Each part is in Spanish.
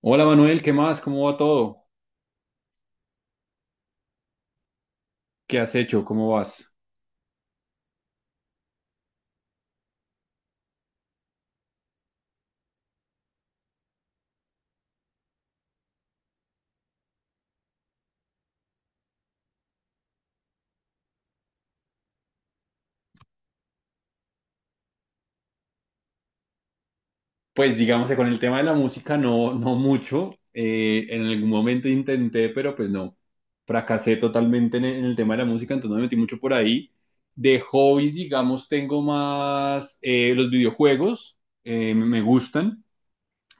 Hola Manuel, ¿qué más? ¿Cómo va todo? ¿Qué has hecho? ¿Cómo vas? Pues digamos que con el tema de la música no mucho. En algún momento intenté, pero pues no. Fracasé totalmente en en el tema de la música, entonces no me metí mucho por ahí. De hobbies, digamos, tengo más los videojuegos, me gustan.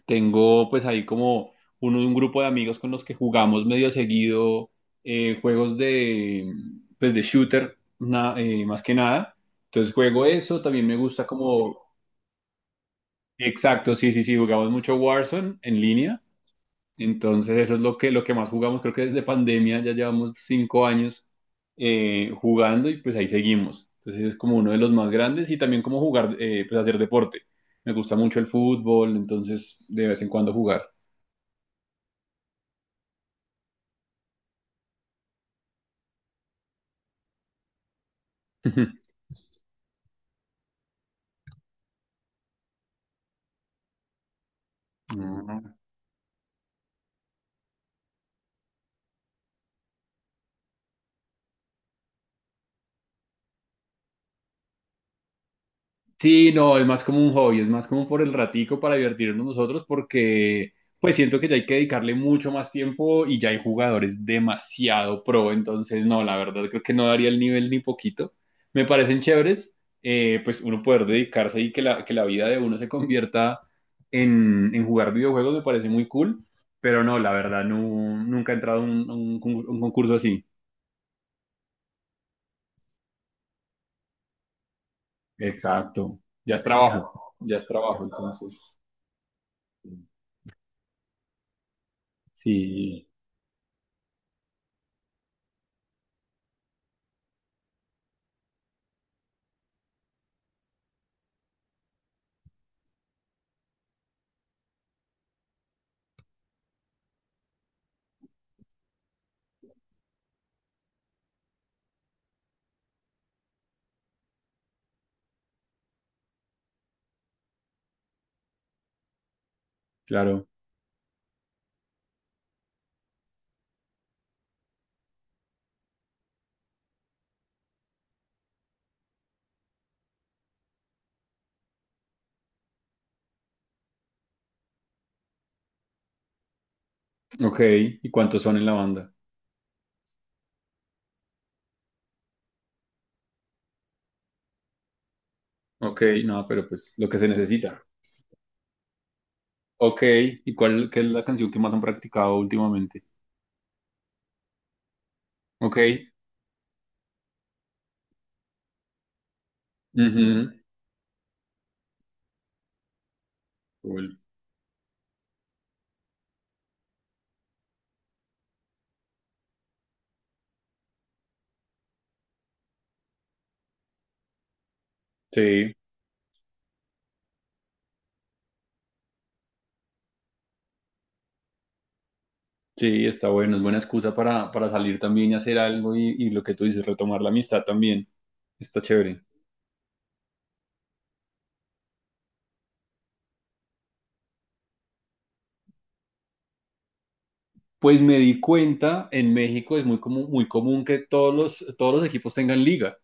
Tengo pues ahí como un grupo de amigos con los que jugamos medio seguido juegos de, pues de shooter, más que nada. Entonces juego eso, también me gusta como... Exacto, sí, sí, sí, jugamos mucho Warzone en línea. Entonces eso es lo que más jugamos, creo que desde pandemia ya llevamos cinco años jugando y pues ahí seguimos. Entonces es como uno de los más grandes y también como jugar, pues hacer deporte. Me gusta mucho el fútbol, entonces de vez en cuando jugar. Ah. Sí, no, es más como un hobby, es más como por el ratico para divertirnos nosotros porque pues siento que ya hay que dedicarle mucho más tiempo y ya hay jugadores demasiado pro, entonces no, la verdad creo que no daría el nivel ni poquito. Me parecen chéveres, pues uno poder dedicarse y que la vida de uno se convierta en jugar videojuegos me parece muy cool, pero no, la verdad no, nunca he entrado a un, un concurso así. Exacto, ya es trabajo, entonces. Sí, claro. Ok, ¿y cuántos son en la banda? Ok, no, pero pues lo que se necesita. Ok, ¿y cuál qué es la canción que más han practicado últimamente? Ok, ujú, cool. Sí, sí, está bueno, es buena excusa para salir también y hacer algo y lo que tú dices, retomar la amistad también. Está chévere. Pues me di cuenta, en México es muy común que todos los equipos tengan liga.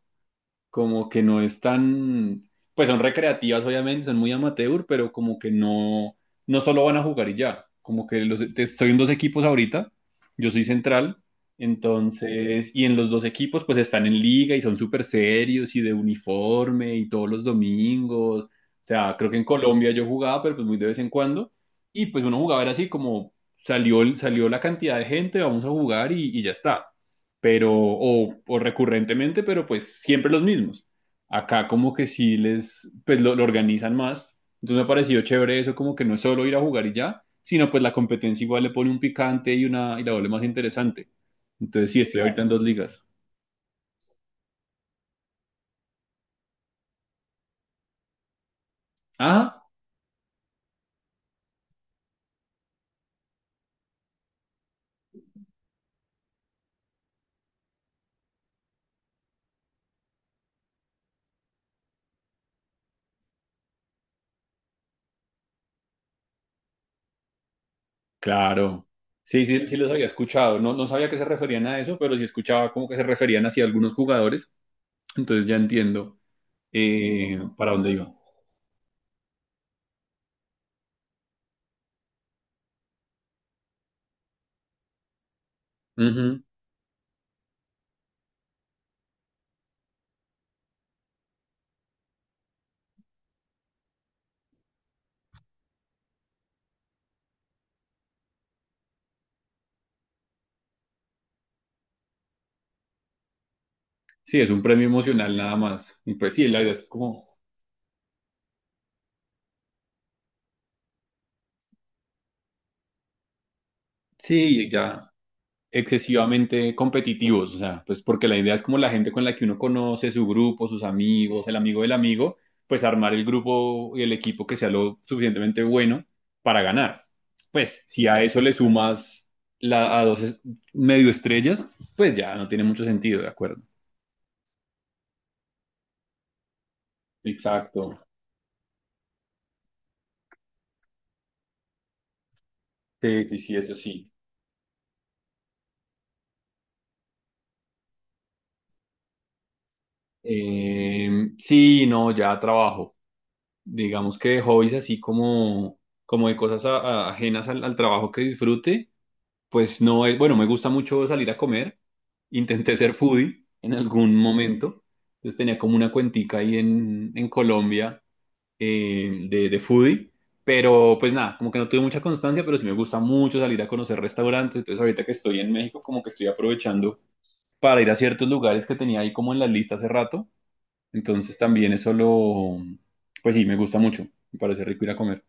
Como que no es tan, pues son recreativas obviamente, son muy amateur, pero como que no, no solo van a jugar y ya, como que estoy en dos equipos ahorita, yo soy central, entonces, y en los dos equipos pues están en liga y son súper serios y de uniforme y todos los domingos, o sea, creo que en Colombia yo jugaba, pero pues muy de vez en cuando, y pues uno jugaba era así como salió, salió la cantidad de gente, vamos a jugar y ya está pero, o recurrentemente, pero pues siempre los mismos. Acá como que sí les, pues lo organizan más. Entonces me ha parecido chévere eso, como que no es solo ir a jugar y ya, sino pues la competencia igual le pone un picante y una, y la vuelve más interesante. Entonces sí, estoy ahorita claro, en dos ligas. Ah, claro. Sí, sí, sí los había escuchado. No, no sabía que se referían a eso, pero sí escuchaba como que se referían hacia algunos jugadores. Entonces ya entiendo para dónde iba. Ujú. Sí, es un premio emocional nada más. Y pues sí, la idea es como sí, ya excesivamente competitivos, o sea, pues porque la idea es como la gente con la que uno conoce, su grupo, sus amigos, el amigo del amigo, pues armar el grupo y el equipo que sea lo suficientemente bueno para ganar. Pues si a eso le sumas la, medio estrellas, pues ya no tiene mucho sentido, ¿de acuerdo? Exacto. Sí, sí, sí, eso sí. Sí, no, ya trabajo. Digamos que hobbies así como, como de cosas ajenas al trabajo que disfrute. Pues no, bueno, me gusta mucho salir a comer. Intenté ser foodie en algún momento. Entonces tenía como una cuentica ahí en Colombia de foodie. Pero pues nada, como que no tuve mucha constancia, pero sí me gusta mucho salir a conocer restaurantes. Entonces ahorita que estoy en México, como que estoy aprovechando para ir a ciertos lugares que tenía ahí como en la lista hace rato. Entonces también pues sí, me gusta mucho. Me parece rico ir a comer.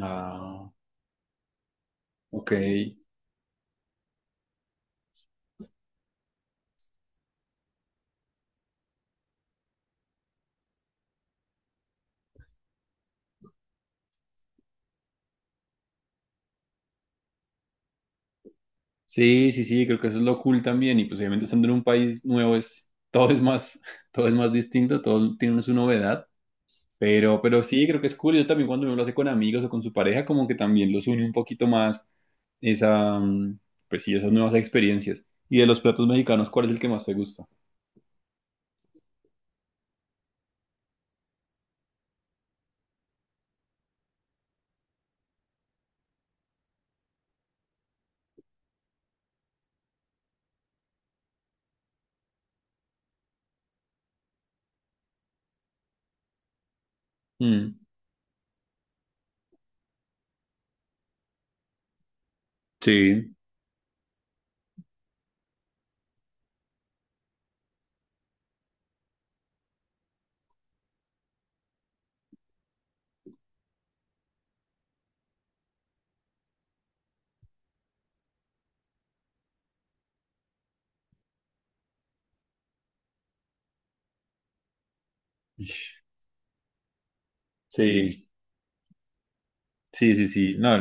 Ah, ok. Sí, sí, sí, creo que eso es lo cool también. Y pues obviamente estando en un país nuevo es, todo es más, todo es más distinto, todo tiene su novedad. Pero sí, creo que es cool. Yo también cuando uno lo hace con amigos o con su pareja, como que también los une un poquito más esa, pues sí, esas nuevas experiencias. Y de los platos mexicanos, ¿cuál es el que más te gusta? Mm, sí, sí, sí, sí, sí. No,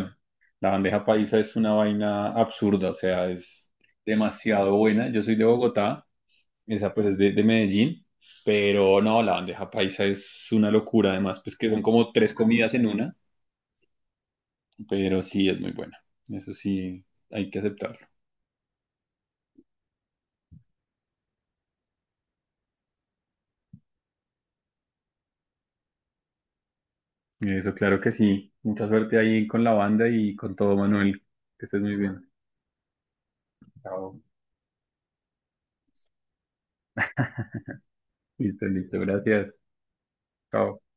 la bandeja paisa es una vaina absurda, o sea, es demasiado buena. Yo soy de Bogotá. Esa pues es de Medellín, pero no, la bandeja paisa es una locura, además, pues que son como tres comidas en una, pero sí es muy buena, eso sí hay que aceptarlo. Eso claro que sí, mucha suerte ahí con la banda y con todo, Manuel, que estés muy bien. Chao. Listo, listo, gracias. Chao.